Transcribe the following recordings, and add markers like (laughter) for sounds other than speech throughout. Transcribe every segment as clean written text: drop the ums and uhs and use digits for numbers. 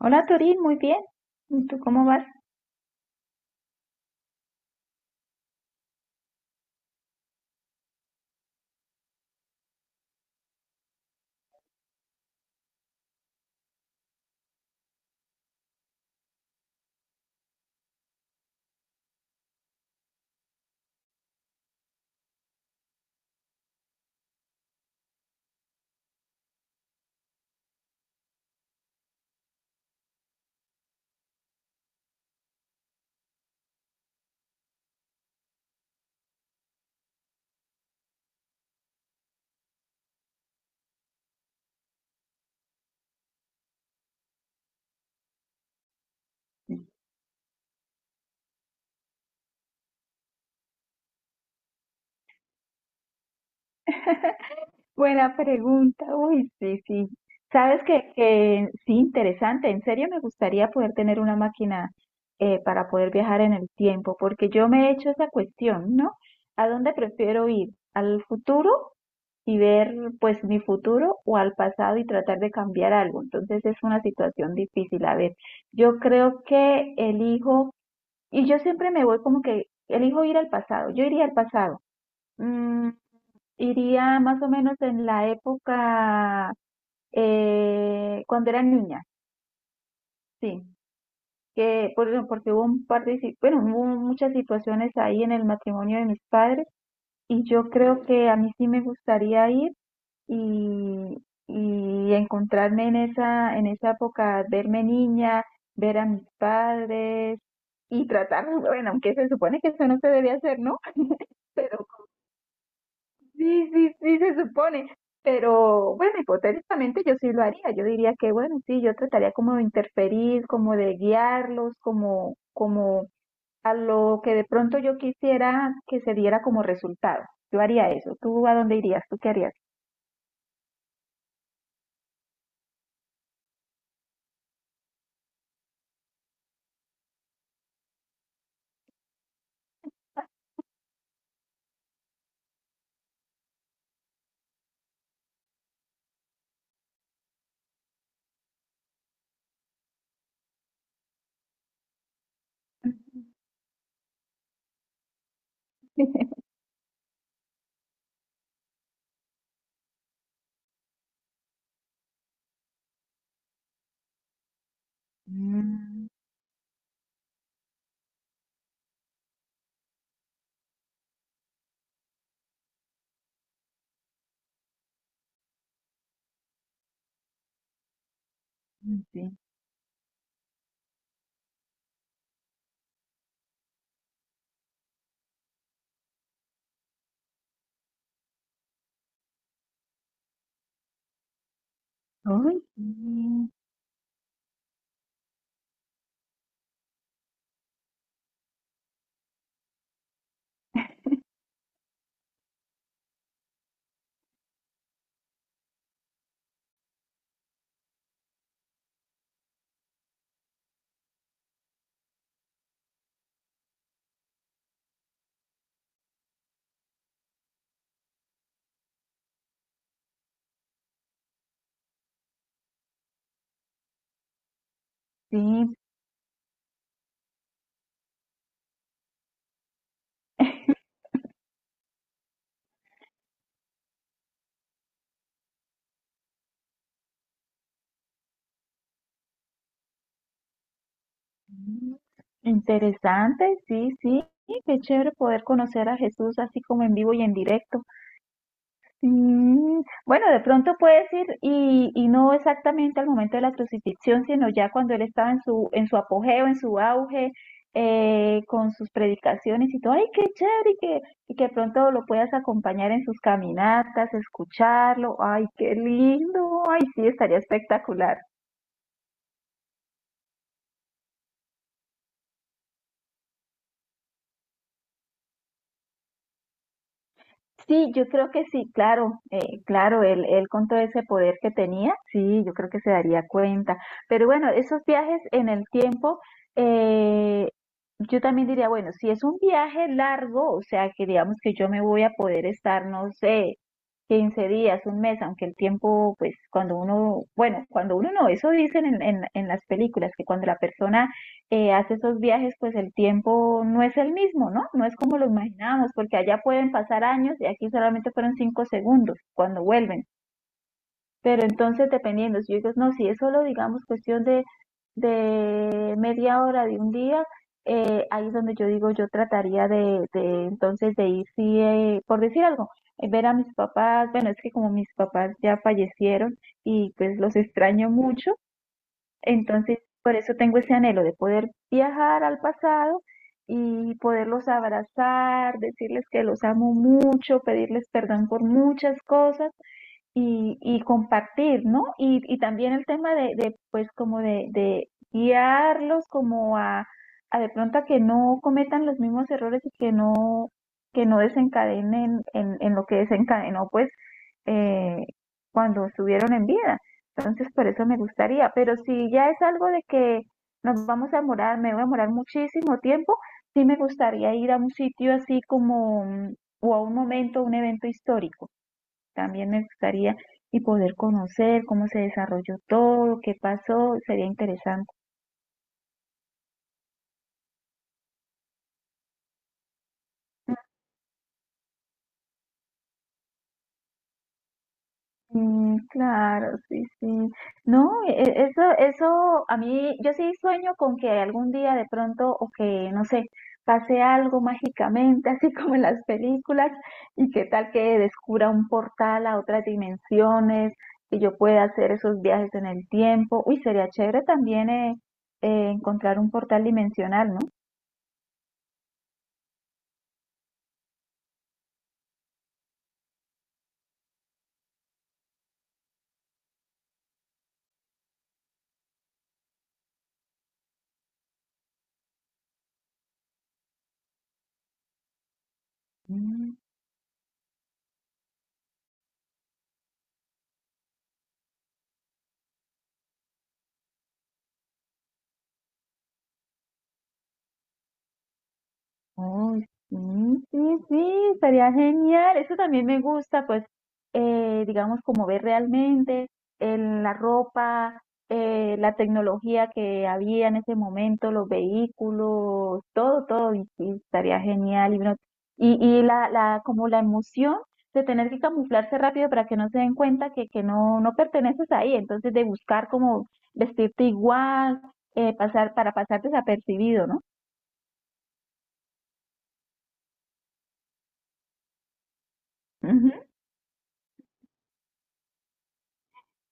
Hola Turín, muy bien. ¿Y tú cómo vas? (laughs) Buena pregunta. Uy, sí, sí. Sabes que sí, interesante. En serio, me gustaría poder tener una máquina para poder viajar en el tiempo, porque yo me he hecho esa cuestión, ¿no? ¿A dónde prefiero ir? ¿Al futuro y ver, pues, mi futuro, o al pasado y tratar de cambiar algo? Entonces es una situación difícil. A ver, yo creo que elijo, y yo siempre me voy como que elijo ir al pasado. Yo iría al pasado. Mm, Iría más o menos en la época cuando era niña, sí, porque hubo un par de, si- bueno, hubo muchas situaciones ahí en el matrimonio de mis padres, y yo creo que a mí sí me gustaría ir y, y encontrarme en esa época, verme niña, ver a mis padres y tratar, bueno, aunque se supone que eso no se debe hacer, ¿no? (laughs) Sí, sí, sí, se supone. Pero bueno, hipotéticamente yo sí lo haría. Yo diría que, bueno, sí, yo trataría como de interferir, como de guiarlos, como, como a lo que de pronto yo quisiera que se diera como resultado. Yo haría eso. ¿Tú a dónde irías? ¿Tú qué harías? (laughs) Mm, sí. Ay, sí, sí. Sí. Interesante, sí, sí. Qué chévere poder conocer a Jesús así como en vivo y en directo. Mm, bueno, de pronto puedes ir y no exactamente al momento de la crucifixión, sino ya cuando él estaba en su apogeo, en su auge, con sus predicaciones y todo. ¡Ay, qué chévere! Y que de pronto lo puedas acompañar en sus caminatas, escucharlo, ¡ay, qué lindo! ¡Ay, sí, estaría espectacular! Sí, yo creo que sí, claro, claro, él con todo ese poder que tenía, sí, yo creo que se daría cuenta. Pero bueno, esos viajes en el tiempo, eh, yo también diría, bueno, si es un viaje largo, o sea, que digamos que yo me voy a poder estar, no sé, 15 días, un mes, aunque el tiempo, pues cuando uno, bueno, cuando uno no, eso dicen en las películas, que cuando la persona hace esos viajes, pues el tiempo no es el mismo, ¿no? No es como lo imaginábamos, porque allá pueden pasar años y aquí solamente fueron 5 segundos cuando vuelven. Pero entonces, dependiendo, si yo digo, no, si es solo, digamos, cuestión de media hora, de un día, ahí es donde yo digo, yo trataría de entonces de ir, sí, por decir algo, ver a mis papás, bueno, es que como mis papás ya fallecieron y pues los extraño mucho, entonces, por eso tengo ese anhelo de poder viajar al pasado y poderlos abrazar, decirles que los amo mucho, pedirles perdón por muchas cosas y compartir, ¿no? Y también el tema de, pues como de guiarlos como a de pronto a que no cometan los mismos errores y que no desencadenen en lo que desencadenó pues eh, cuando estuvieron en vida. Entonces por eso me gustaría, pero si ya es algo de que nos vamos a morar, me voy a morar muchísimo tiempo, sí me gustaría ir a un sitio así como, mm, o a un momento, un evento histórico. También me gustaría y poder conocer cómo se desarrolló todo, qué pasó, sería interesante. Mm, claro, sí, sí. No, eso, eso, a mí, yo sí sueño con que algún día de pronto, o que, no sé, pase algo mágicamente, (laughs) así como en las películas, y qué tal que descubra un portal a otras dimensiones, que yo pueda hacer esos viajes en el tiempo. Uy, sería chévere también encontrar un portal dimensional, ¿no? Oh, sí, sí, sí, estaría genial. Eso también me gusta, pues, digamos, como ver realmente en la ropa, la tecnología que había en ese momento, los vehículos, todo, todo, y, sí, estaría genial. Y, y la, como la emoción de tener que camuflarse rápido para que no se den cuenta que no, no perteneces ahí, entonces de buscar como vestirte igual, para pasar desapercibido, ¿no? Ujú.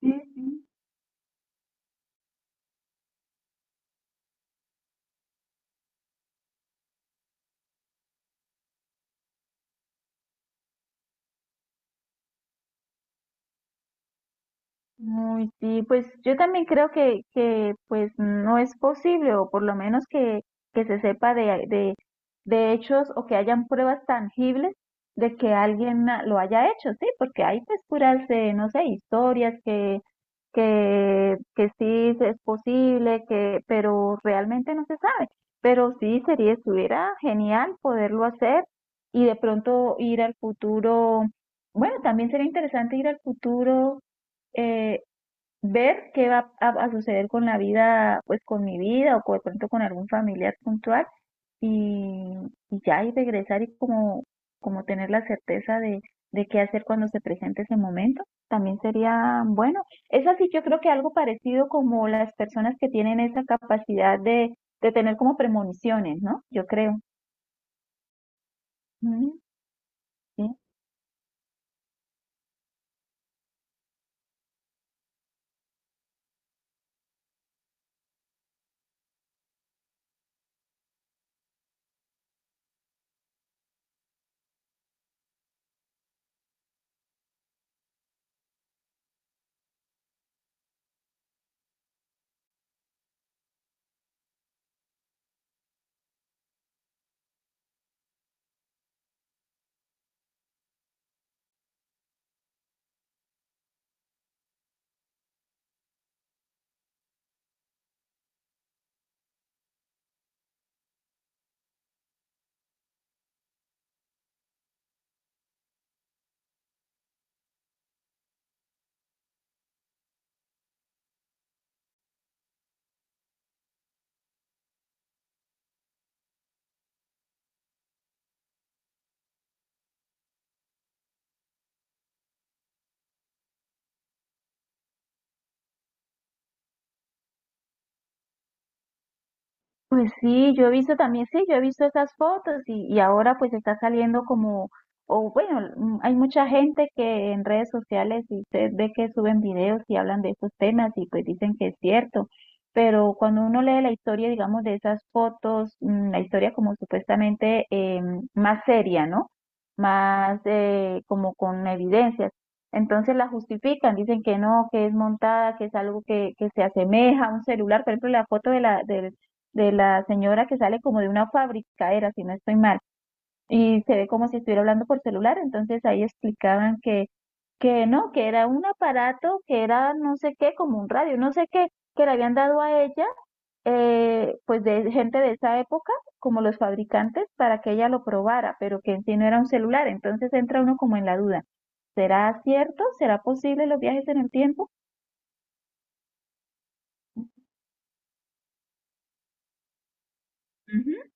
Sí, sí. Muy, sí, pues yo también creo que pues no es posible, o por lo menos que se sepa de hechos o que hayan pruebas tangibles de que alguien ah, lo haya hecho, sí, porque hay pues puras, no sé, historias que sí es posible, que, pero realmente no se sabe. Pero sí sería, estuviera genial poderlo hacer y de pronto ir al futuro. Bueno, también sería interesante ir al futuro, eh, ver qué va a suceder con la vida, pues con mi vida o de pronto con algún familiar puntual, y, y ya y regresar y como, como tener la certeza de qué hacer cuando se presente ese momento, también sería bueno. Es así, yo creo que algo parecido como las personas que tienen esa capacidad de tener como premoniciones, ¿no? Yo creo. Mm, sí. Pues sí, yo he visto también, sí, yo he visto esas fotos y ahora pues está saliendo como, o bueno, mm, hay mucha gente que en redes sociales y se ve que suben videos y hablan de esos temas y pues dicen que es cierto, pero cuando uno lee la historia, digamos, de esas fotos, mm, la historia como supuestamente más seria, ¿no? Más como con evidencias. Entonces la justifican, dicen que no, que es montada, que es algo que se asemeja a un celular. Por ejemplo, la foto de la, del de la señora que sale como de una fábrica, era, si no estoy mal, y se ve como si estuviera hablando por celular, entonces ahí explicaban que no, que era un aparato, que era no sé qué, como un radio, no sé qué, que le habían dado a ella, pues de gente de esa época, como los fabricantes, para que ella lo probara, pero que en sí no era un celular, entonces entra uno como en la duda, ¿será cierto? ¿Será posible los viajes en el tiempo? Ujú,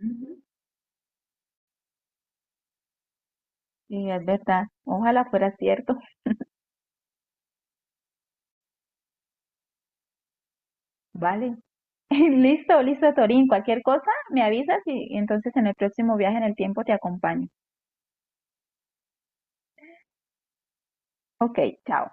ujú. Y es verdad, ojalá fuera cierto. Vale. (laughs) Listo, listo, Torín. Cualquier cosa, me avisas y entonces en el próximo viaje en el tiempo te acompaño. Ok, chao.